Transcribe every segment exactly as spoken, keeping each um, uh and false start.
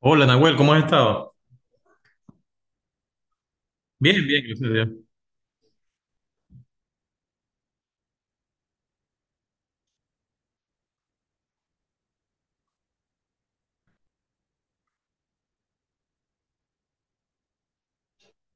Hola, Nahuel, ¿cómo has estado? Bien, bien, gracias a Dios.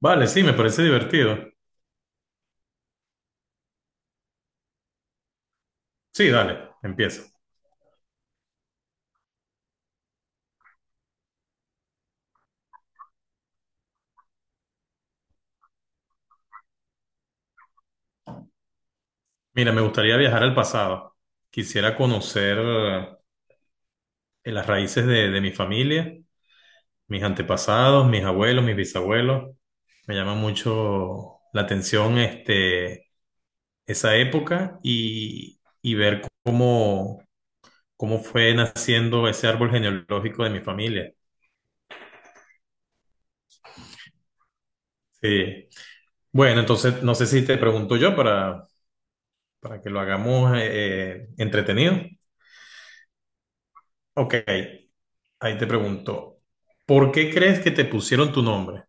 Vale, sí, me parece divertido. Sí, dale, empiezo. Mira, me gustaría viajar al pasado. Quisiera conocer eh, las raíces de, de mi familia, mis antepasados, mis abuelos, mis bisabuelos. Me llama mucho la atención este, esa época y, y ver cómo, cómo fue naciendo ese árbol genealógico de mi familia. Sí. Bueno, entonces no sé si te pregunto yo para para que lo hagamos eh, entretenido. Ok, ahí te pregunto, ¿por qué crees que te pusieron tu nombre?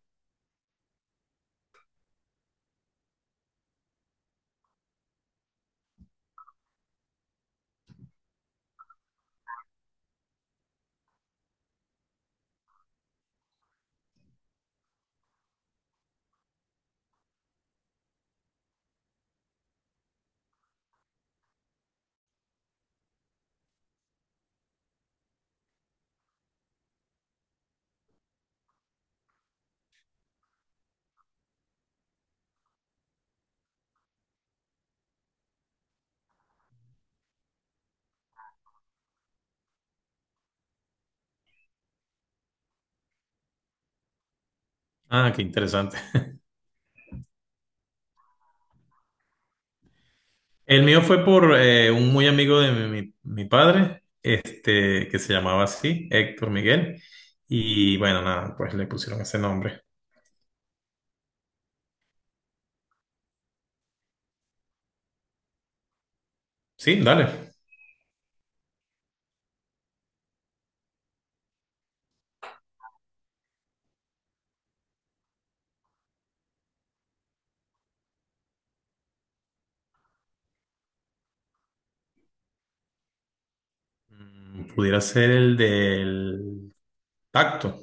Ah, qué interesante. El mío fue por eh, un muy amigo de mi, mi- mi padre, este, que se llamaba así, Héctor Miguel. Y bueno, nada, pues le pusieron ese nombre. Sí, dale. Mm, Pudiera ser el del tacto,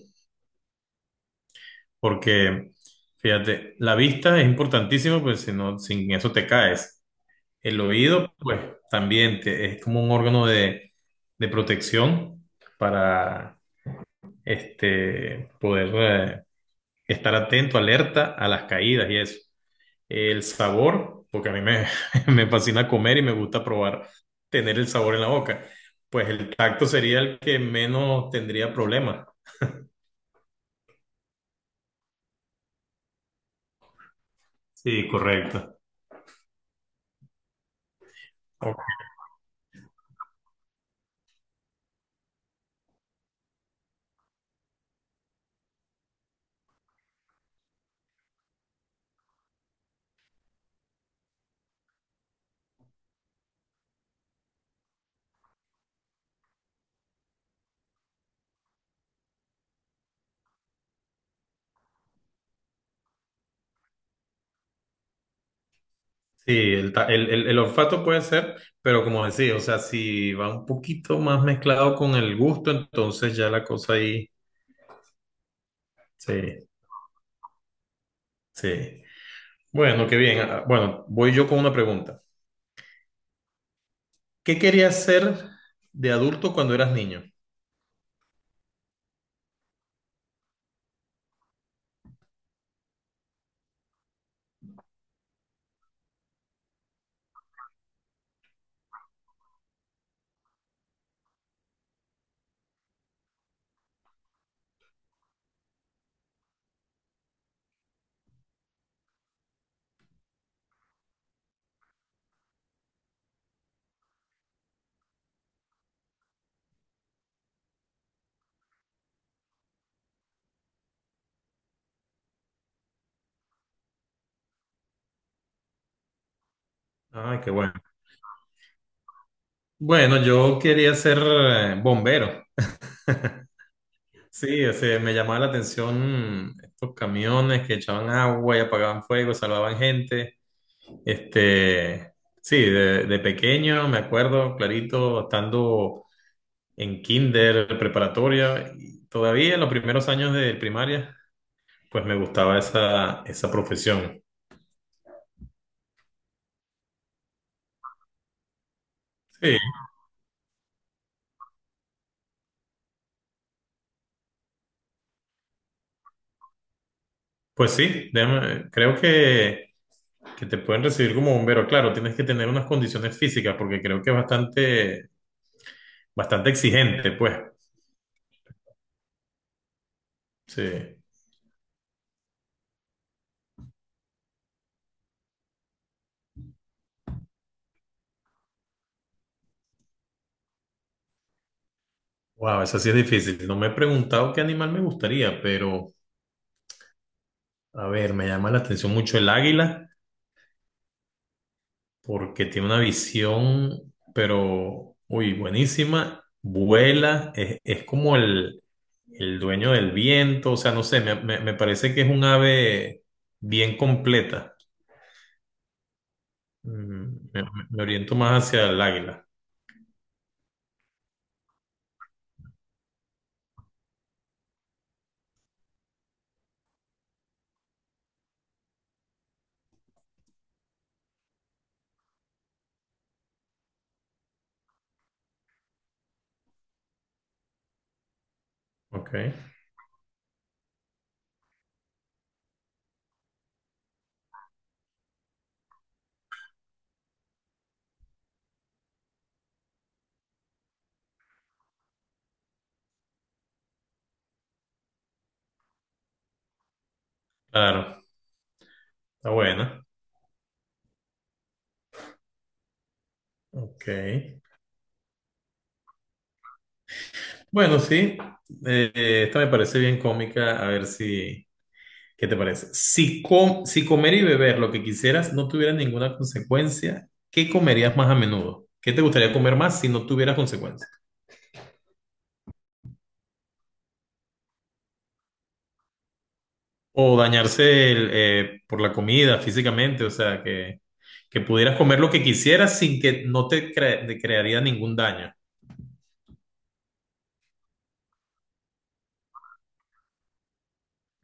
porque fíjate, la vista es importantísima, pues si no, sin eso te caes. El oído, pues también te- es como un órgano de, de protección para este, poder eh, estar atento, alerta a las caídas y eso. El sabor, porque a mí me, me fascina comer y me gusta probar, tener el sabor en la boca. Pues el tacto sería el que menos tendría problemas. Sí, correcto. Sí, el, ta- el, el- el olfato puede ser, pero como decía, o sea, si va un poquito más mezclado con el gusto, entonces ya la cosa ahí, sí, sí. Bueno, qué bien. Ah, bueno, voy yo con una pregunta. ¿Qué querías ser de adulto cuando eras niño? Ay, qué bueno. Bueno, yo quería ser eh, bombero. Sí, o sea, me llamaba la atención mm, estos camiones que echaban agua y apagaban fuego, salvaban gente. Este, sí, de, de pequeño me acuerdo clarito estando en kinder, preparatoria, y todavía en los primeros años de primaria, pues me gustaba esa, esa profesión. Sí, pues sí, déjame- creo que, que te pueden recibir como bombero. Claro, tienes que tener unas condiciones físicas porque creo que es bastante, bastante exigente, pues. Sí. Wow, eso sí es difícil. No me he preguntado qué animal me gustaría, pero a ver, me llama la atención mucho el águila. Porque tiene una visión, pero, uy, buenísima, vuela, es, es como el, el dueño del viento, o sea, no sé, me, me- me parece que es un ave bien completa. Mm, Me, me- me oriento más hacia el águila, ok, claro, está buena, ok. Bueno, sí, eh, eh, esta me parece bien cómica, a ver si... ¿Qué te parece? Si, com- si comer y beber lo que quisieras no tuviera ninguna consecuencia, ¿qué comerías más a menudo? ¿Qué te gustaría comer más si no tuviera consecuencias? O dañarse el, eh, por la comida físicamente, o sea, que, que pudieras comer lo que quisieras sin que no te, cre- te crearía ningún daño.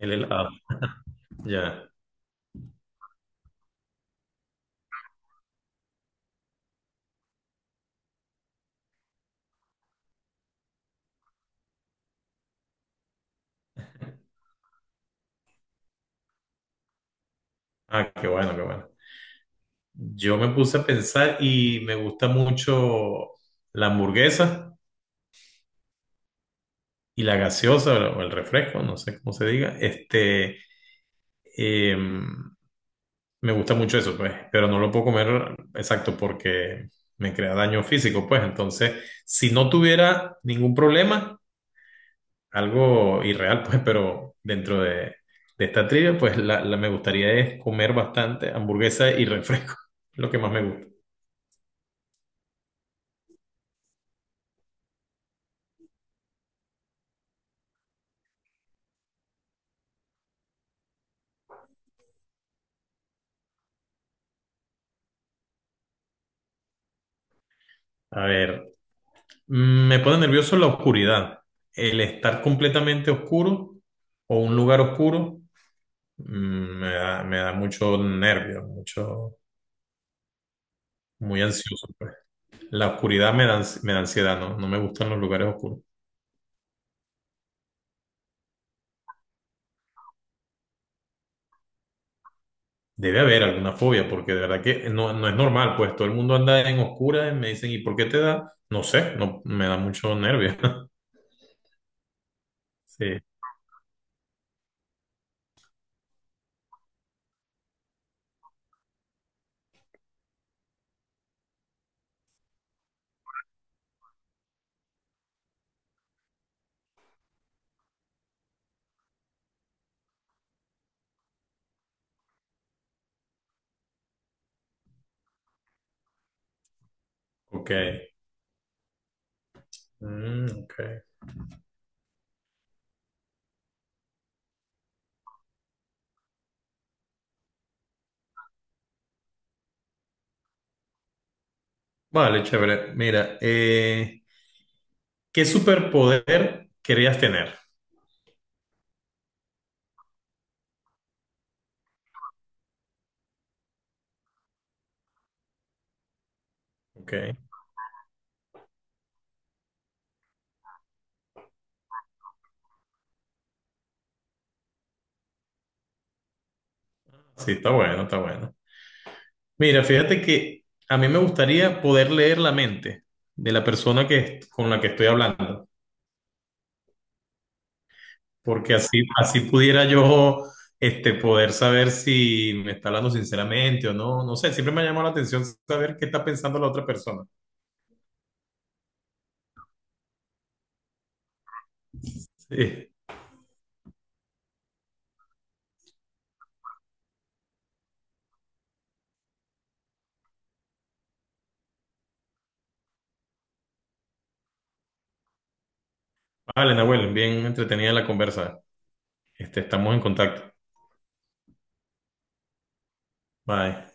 El helado. Ya. Ah, qué bueno, qué bueno. Yo me puse a pensar y me gusta mucho la hamburguesa y la gaseosa o el refresco, no sé cómo se diga. Este. Eh, me gusta mucho eso, pues, pero no lo puedo comer exacto porque me crea daño físico, pues. Entonces, si no tuviera ningún problema, algo irreal, pues, pero dentro de, de esta trivia, pues la, la- me gustaría es comer bastante hamburguesa y refresco, lo que más me gusta. A ver, mm, me pone nervioso la oscuridad, el estar completamente oscuro o un lugar oscuro, mm, me da, me da mucho nervio, mucho, muy ansioso, pues. La oscuridad me da, ans- me da ansiedad, ¿no? No me gustan los lugares oscuros. Debe haber alguna fobia, porque de verdad que no, no es normal, pues todo el mundo anda en oscuras y me dicen, ¿y por qué te da? No sé, no, me da mucho nervio. Sí, ok. Mm, ok. Vale, chévere. Mira, eh, ¿qué superpoder querías tener? Ok. Sí, está bueno, está bueno. Mira, fíjate que a mí me gustaría poder leer la mente de la persona que, con la que estoy hablando. Porque así, así pudiera yo este, poder saber si me está hablando sinceramente o no. No sé, siempre me ha llamado la atención saber qué está pensando la otra persona. Sí. Vale, Nahuel, bien entretenida la conversa. Este, estamos en contacto. Bye.